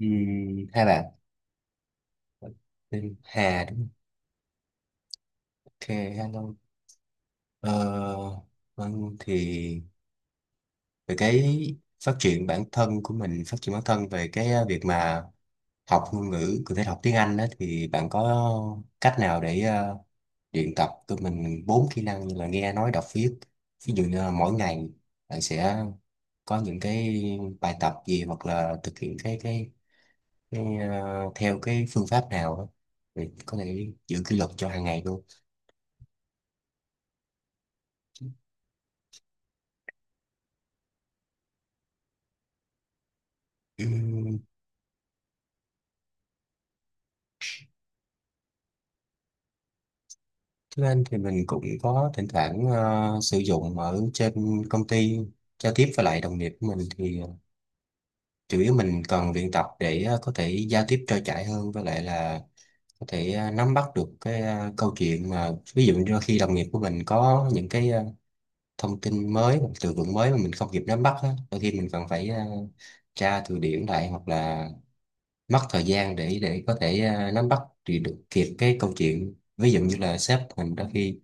Hai bạn tên Hà đúng không? Ok, hello. ờ, vâng, thì về cái phát triển bản thân của mình, phát triển bản thân về cái việc mà học ngôn ngữ, cụ thể là học tiếng Anh đó, thì bạn có cách nào để luyện tập cho mình bốn kỹ năng như là nghe, nói, đọc, viết, ví dụ như là mỗi ngày bạn sẽ có những cái bài tập gì, hoặc là thực hiện cái theo cái phương pháp nào đó thì có thể giữ kỷ luật cho hàng ngày luôn. Ừm, Tiếng Anh thì mình cũng có thỉnh thoảng sử dụng ở trên công ty, giao tiếp với lại đồng nghiệp của mình, thì chủ yếu mình cần luyện tập để có thể giao tiếp trôi chảy hơn, với lại là có thể nắm bắt được cái câu chuyện. Mà ví dụ như khi đồng nghiệp của mình có những cái thông tin mới hoặc từ vựng mới mà mình không kịp nắm bắt á, đôi khi mình cần phải tra từ điển lại, hoặc là mất thời gian để có thể nắm bắt thì được kịp cái câu chuyện. Ví dụ như là sếp mình đôi khi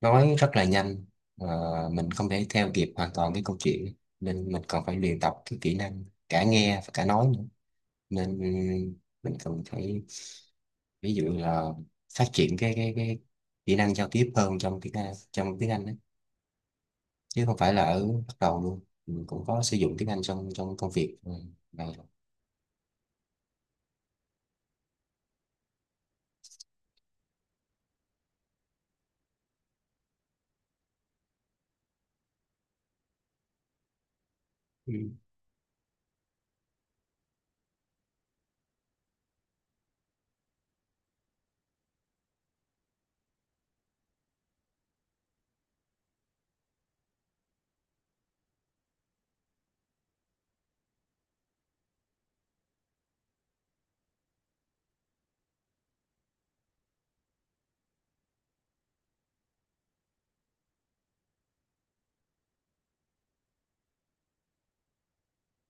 nói rất là nhanh, và mình không thể theo kịp hoàn toàn cái câu chuyện, nên mình còn phải luyện tập cái kỹ năng cả nghe và cả nói nữa. Nên mình cần phải, ví dụ là, phát triển cái kỹ năng giao tiếp hơn trong tiếng Anh đấy, chứ không phải là ở bắt đầu luôn. Mình cũng có sử dụng tiếng Anh trong trong công việc này. Ừ.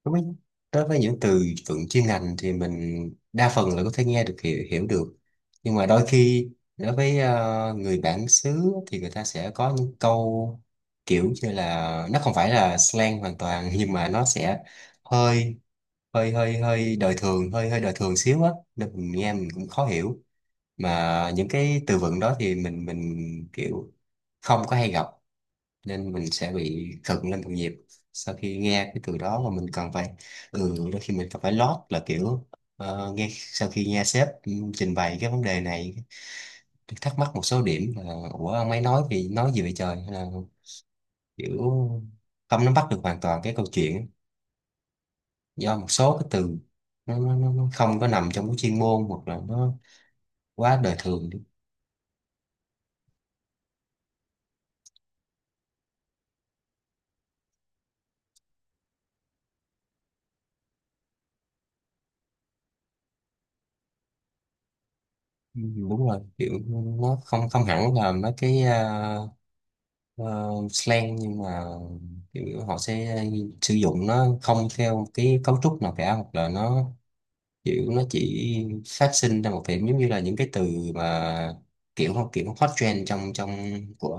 Đối với, đối với những từ vựng chuyên ngành thì mình đa phần là có thể nghe được, hiểu được. Nhưng mà đôi khi đối với người bản xứ thì người ta sẽ có những câu kiểu như là nó không phải là slang hoàn toàn nhưng mà nó sẽ hơi hơi hơi đời thường, hơi hơi đời thường xíu á, nên mình nghe mình cũng khó hiểu. Mà những cái từ vựng đó thì mình kiểu không có hay gặp, nên mình sẽ bị cận lên đồng nhịp sau khi nghe cái từ đó. Mà mình cần phải đôi khi mình cần phải lót là kiểu nghe, sau khi nghe sếp trình bày cái vấn đề này, thắc mắc một số điểm là ủa ông ấy nói thì nói gì vậy trời, hay là kiểu không nắm bắt được hoàn toàn cái câu chuyện, do một số cái từ nó không có nằm trong cái chuyên môn, hoặc là nó quá đời thường đi. Ừ, đúng rồi, kiểu nó không không hẳn là mấy cái ờ, slang, nhưng mà kiểu họ sẽ sử dụng nó không theo một cái cấu trúc nào cả, hoặc là nó kiểu nó chỉ phát sinh ra một điểm, giống như là những cái từ mà kiểu kiểu hot trend trong trong của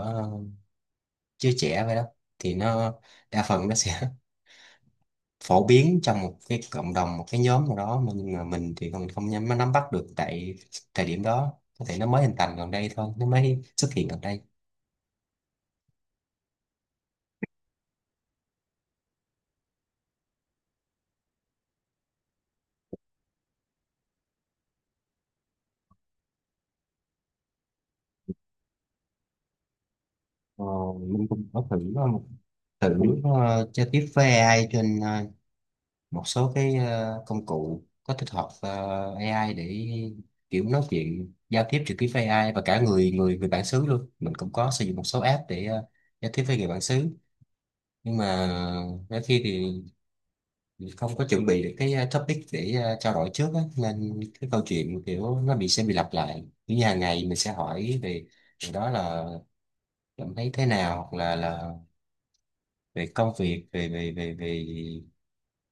giới trẻ vậy đó. Thì nó đa phần nó sẽ phổ biến trong một cái cộng đồng, một cái nhóm nào đó. Mà nhưng mà mình thì mình không nắm bắt được tại thời điểm đó, có thể nó mới hình thành gần đây thôi, nó mới xuất hiện gần đây. Ờ, mình cũng có thử uh, thử giao tiếp với AI trên một số cái công cụ có tích hợp AI để kiểu nói chuyện giao tiếp trực tiếp với AI và cả người người người bản xứ luôn. Mình cũng có sử dụng một số app để giao tiếp với người bản xứ, nhưng mà đôi khi thì không có chuẩn bị được cái topic để trao đổi trước á, nên cái câu chuyện kiểu nó sẽ bị lặp lại. Như hàng ngày mình sẽ hỏi về điều đó là cảm thấy thế nào, hoặc là về công việc, về về về về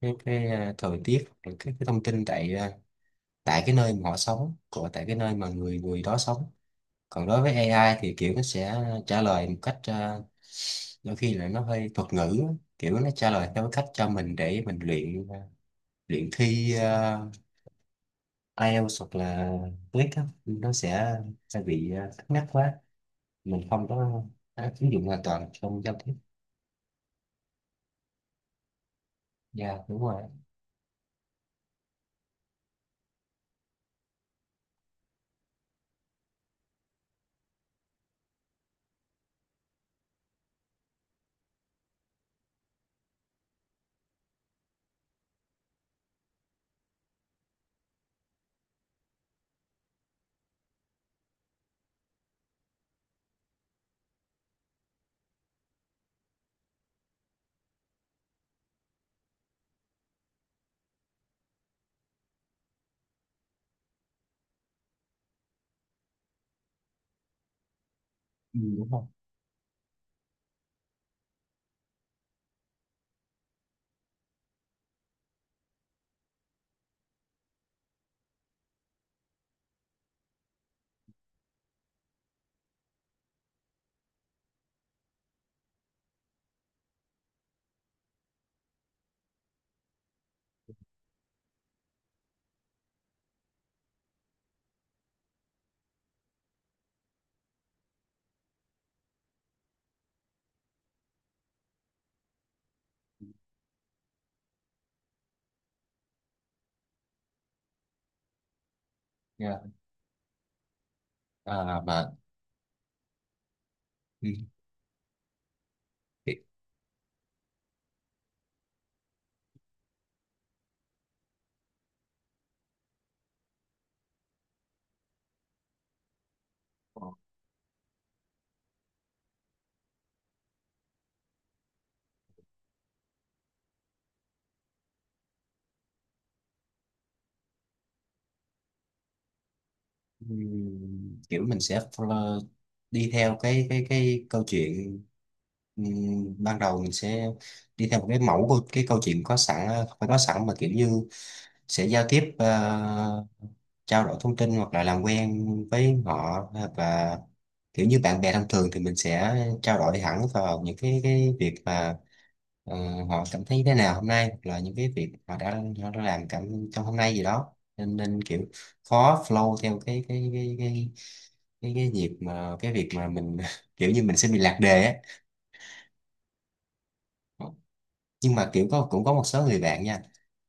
cái thời tiết, rồi cái thông tin tại tại cái nơi mà họ sống, của tại cái nơi mà người người đó sống. Còn đối với AI thì kiểu nó sẽ trả lời một cách đôi khi là nó hơi thuật ngữ á. Kiểu nó trả lời theo cái cách cho mình để mình luyện luyện thi IELTS hoặc là TOEIC á. Nó sẽ bị cứng nhắc quá, mình không có áp ứng dụng hoàn toàn trong giao tiếp. Dạ đúng rồi. Ừ, đúng không? Dạ, à, mà ừ. Kiểu mình sẽ follow, đi theo cái câu chuyện. Ban đầu mình sẽ đi theo một cái mẫu của cái câu chuyện có sẵn, không phải có sẵn mà kiểu như sẽ giao tiếp, trao đổi thông tin hoặc là làm quen với họ, hoặc là kiểu như bạn bè thông thường thì mình sẽ trao đổi hẳn vào những cái việc mà ờ, họ cảm thấy thế nào hôm nay, hoặc là những cái việc họ đã làm cảm trong hôm nay gì đó, nên nên kiểu khó flow theo cái nhịp, mà cái việc mà mình kiểu như mình sẽ bị lạc đề á. Nhưng mà kiểu cũng có một số người bạn nha,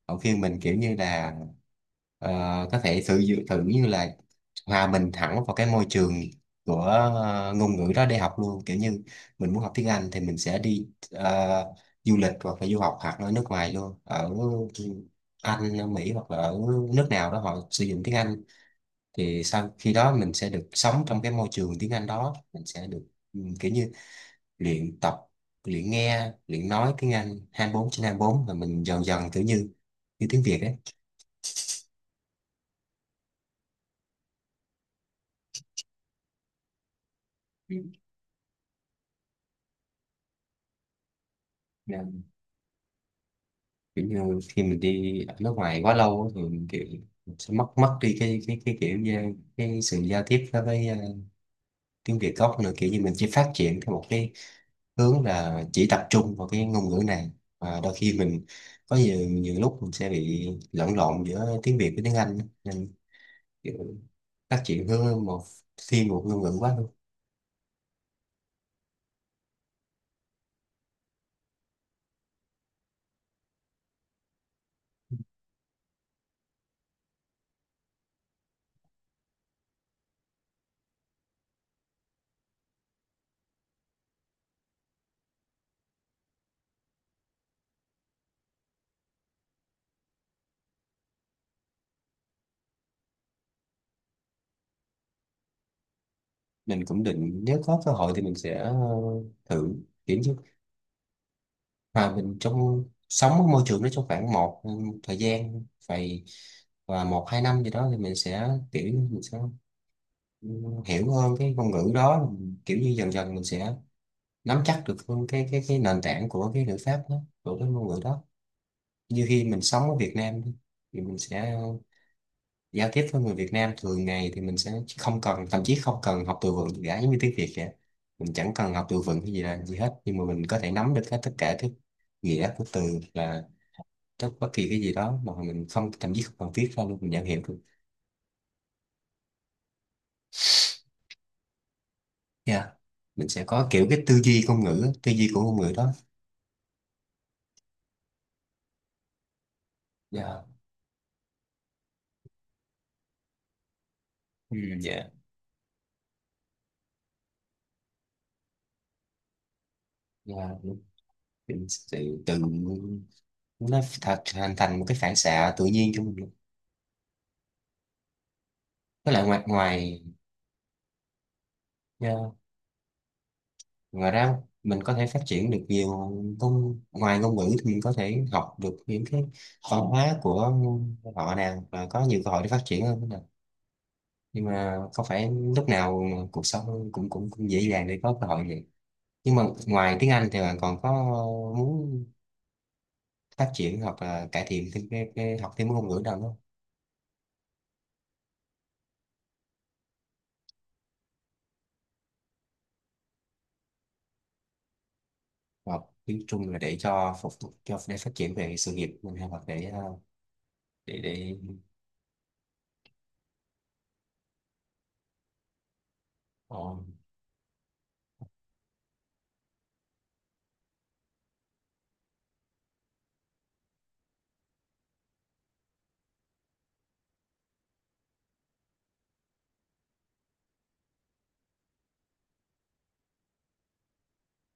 họ khuyên mình kiểu như là ờ, có thể thử như là hòa mình thẳng vào cái môi trường của ngôn ngữ đó để học luôn. Kiểu như mình muốn học tiếng Anh thì mình sẽ đi du lịch hoặc là du học, hoặc ở nước ngoài luôn, ở Anh, ở Mỹ hoặc là ở nước nào đó họ sử dụng tiếng Anh, thì sau khi đó mình sẽ được sống trong cái môi trường tiếng Anh đó, mình sẽ được kiểu như luyện tập, luyện nghe, luyện nói tiếng Anh 24/24, là mình dần dần kiểu như như tiếng Việt ấy. Ừ. Nên kiểu như khi mình đi ở nước ngoài quá lâu á, thì mình kiểu mình sẽ mất mất đi cái kiểu như cái sự giao tiếp đối với tiếng Việt gốc nữa. Kiểu như mình chỉ phát triển theo một cái hướng là chỉ tập trung vào cái ngôn ngữ này, và đôi khi mình có nhiều nhiều lúc mình sẽ bị lẫn lộn giữa tiếng Việt với tiếng Anh, nên kiểu phát triển hướng một, thiên một ngôn ngữ quá. Mình cũng định nếu có cơ hội thì mình sẽ thử, kiểu như mà mình trong sống ở môi trường đó trong khoảng một thời gian vài, và một hai năm gì đó thì mình sẽ kiểu như mình sẽ ừ, hiểu hơn cái ngôn ngữ đó. Kiểu như dần dần mình sẽ nắm chắc được hơn cái nền tảng của cái ngữ pháp đó, của cái ngôn ngữ đó. Như khi mình sống ở Việt Nam đi, thì mình sẽ giao tiếp với người Việt Nam thường ngày, thì mình sẽ không cần, thậm chí không cần học từ vựng gì cả, giống như tiếng Việt vậy. Mình chẳng cần học từ vựng cái gì là gì hết, nhưng mà mình có thể nắm được hết tất cả cái nghĩa của từ, là bất kỳ cái gì đó mà mình không, thậm chí không cần viết ra luôn, mình nhận hiểu được. Yeah. Mình sẽ có kiểu cái tư duy ngôn ngữ, tư duy của ngôn ngữ đó. Yeah. Ừ, dạ. Yeah. Mình sẽ tự, nó hình thành một cái phản xạ tự nhiên cho mình luôn. Nó là ngoài, dạ. Ngoài ra mình có thể phát triển được nhiều, ngôn ngoài ngôn ngữ thì mình có thể học được những cái văn hóa của họ nè, và có nhiều cơ hội để phát triển hơn nữa nè. Nhưng mà không phải lúc nào cuộc sống cũng cũng, cũng dễ dàng để có cơ hội vậy. Nhưng mà ngoài tiếng Anh thì bạn còn có muốn phát triển hoặc là cải thiện thêm cái học thêm ngôn ngữ nào không? Hoặc tiếng Trung là để cho phục vụ, cho để phát triển về sự nghiệp mình, hay hoặc để để ờ,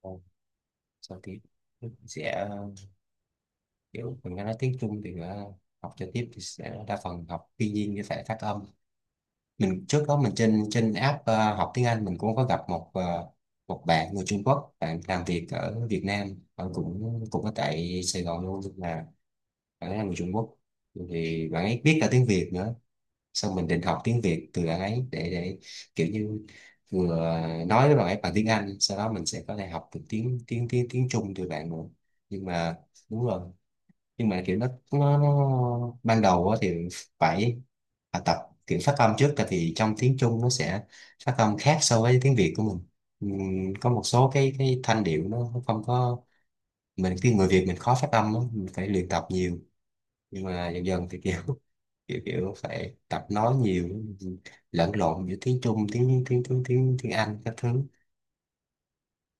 ờ, sao tiếp, sẽ kiểu mình nghe nói tiếng Trung thì học cho tiếp thì sẽ đa phần học thiên nhiên như thể phát âm. Mình trước đó mình trên trên app học tiếng Anh, mình cũng có gặp một bạn người Trung Quốc, bạn làm việc ở Việt Nam, bạn cũng cũng ở tại Sài Gòn luôn, nhưng mà bạn ấy là người Trung Quốc, thì bạn ấy biết cả tiếng Việt nữa. Xong mình định học tiếng Việt từ bạn ấy để kiểu như vừa nói với bạn ấy bằng tiếng Anh, sau đó mình sẽ có thể học được tiếng tiếng tiếng tiếng Trung từ bạn nữa. Nhưng mà đúng rồi. Nhưng mà kiểu nó ban đầu á thì phải tập kiểu phát âm trước, tại vì trong tiếng Trung nó sẽ phát âm khác so với tiếng Việt của mình. Có một số cái thanh điệu nó không có. Mình khi người Việt mình khó phát âm lắm, mình phải luyện tập nhiều, nhưng mà dần dần thì kiểu kiểu kiểu phải tập nói nhiều, lẫn lộn giữa tiếng Trung, tiếng tiếng tiếng tiếng tiếng Anh các thứ.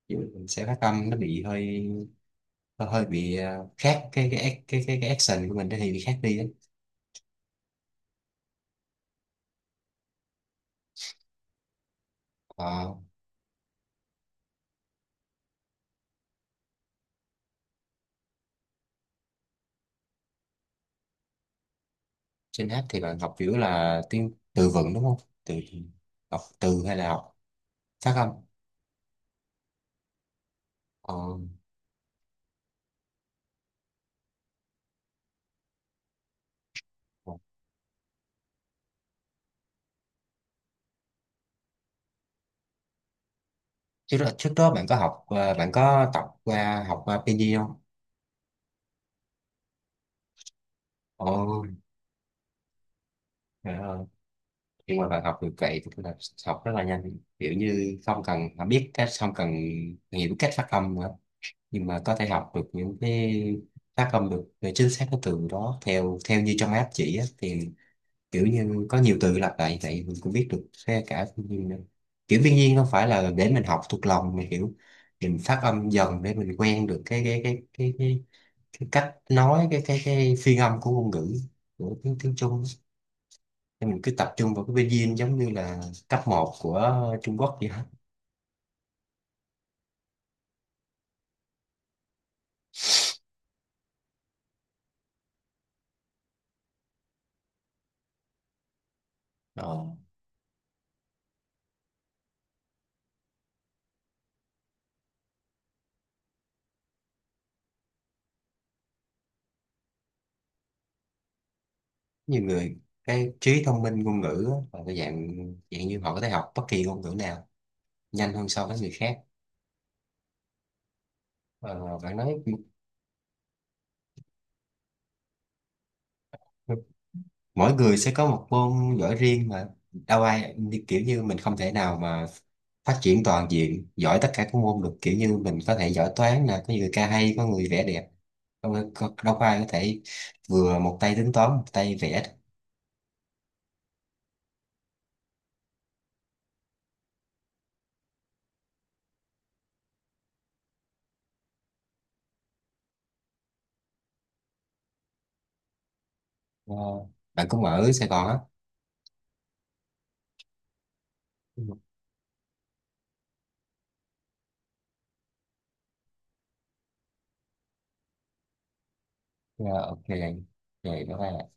Ví dụ mình sẽ phát âm nó bị hơi hơi bị khác, cái action của mình nó thì bị khác đi á. Ờ. Trên app thì bạn học kiểu là tiếng từ vựng đúng không? Từ, học từ hay là học phát âm? Ờ. Trước đó bạn có học bạn có tập qua, học qua pinyin không? Ồ, trời ơi. Nhưng mà bạn học được vậy tức là học rất là nhanh, kiểu như không cần mà biết cách, không cần hiểu cách phát âm nữa, nhưng mà có thể học được những cái phát âm được về chính xác cái từ đó theo theo như trong app chỉ á, thì kiểu như có nhiều từ lặp lại như vậy mình cũng biết được xe cả thiên nhiên nữa. Kiểu thiên nhiên không phải là để mình học thuộc lòng, mà kiểu mình phát âm dần để mình quen được cái cách nói, cái phiên âm của ngôn ngữ, của tiếng tiếng Trung. Nên mình cứ tập trung vào cái pinyin giống như là cấp một của Trung Quốc vậy đó. Đó. Nhiều người cái trí thông minh ngôn ngữ á, là cái dạng dạng như họ có thể học bất kỳ ngôn ngữ nào nhanh hơn so với người khác. Ờ, bạn nói mỗi người sẽ có một môn giỏi riêng, mà đâu ai kiểu như mình không thể nào mà phát triển toàn diện giỏi tất cả các môn được, kiểu như mình có thể giỏi toán nè, có người ca hay, có người vẽ đẹp. Đâu, đâu có ai có thể vừa một tay tính toán, một tay vẽ được. Ờ, bạn cũng ở Sài Gòn á? Dạ, ok rồi, bye bye.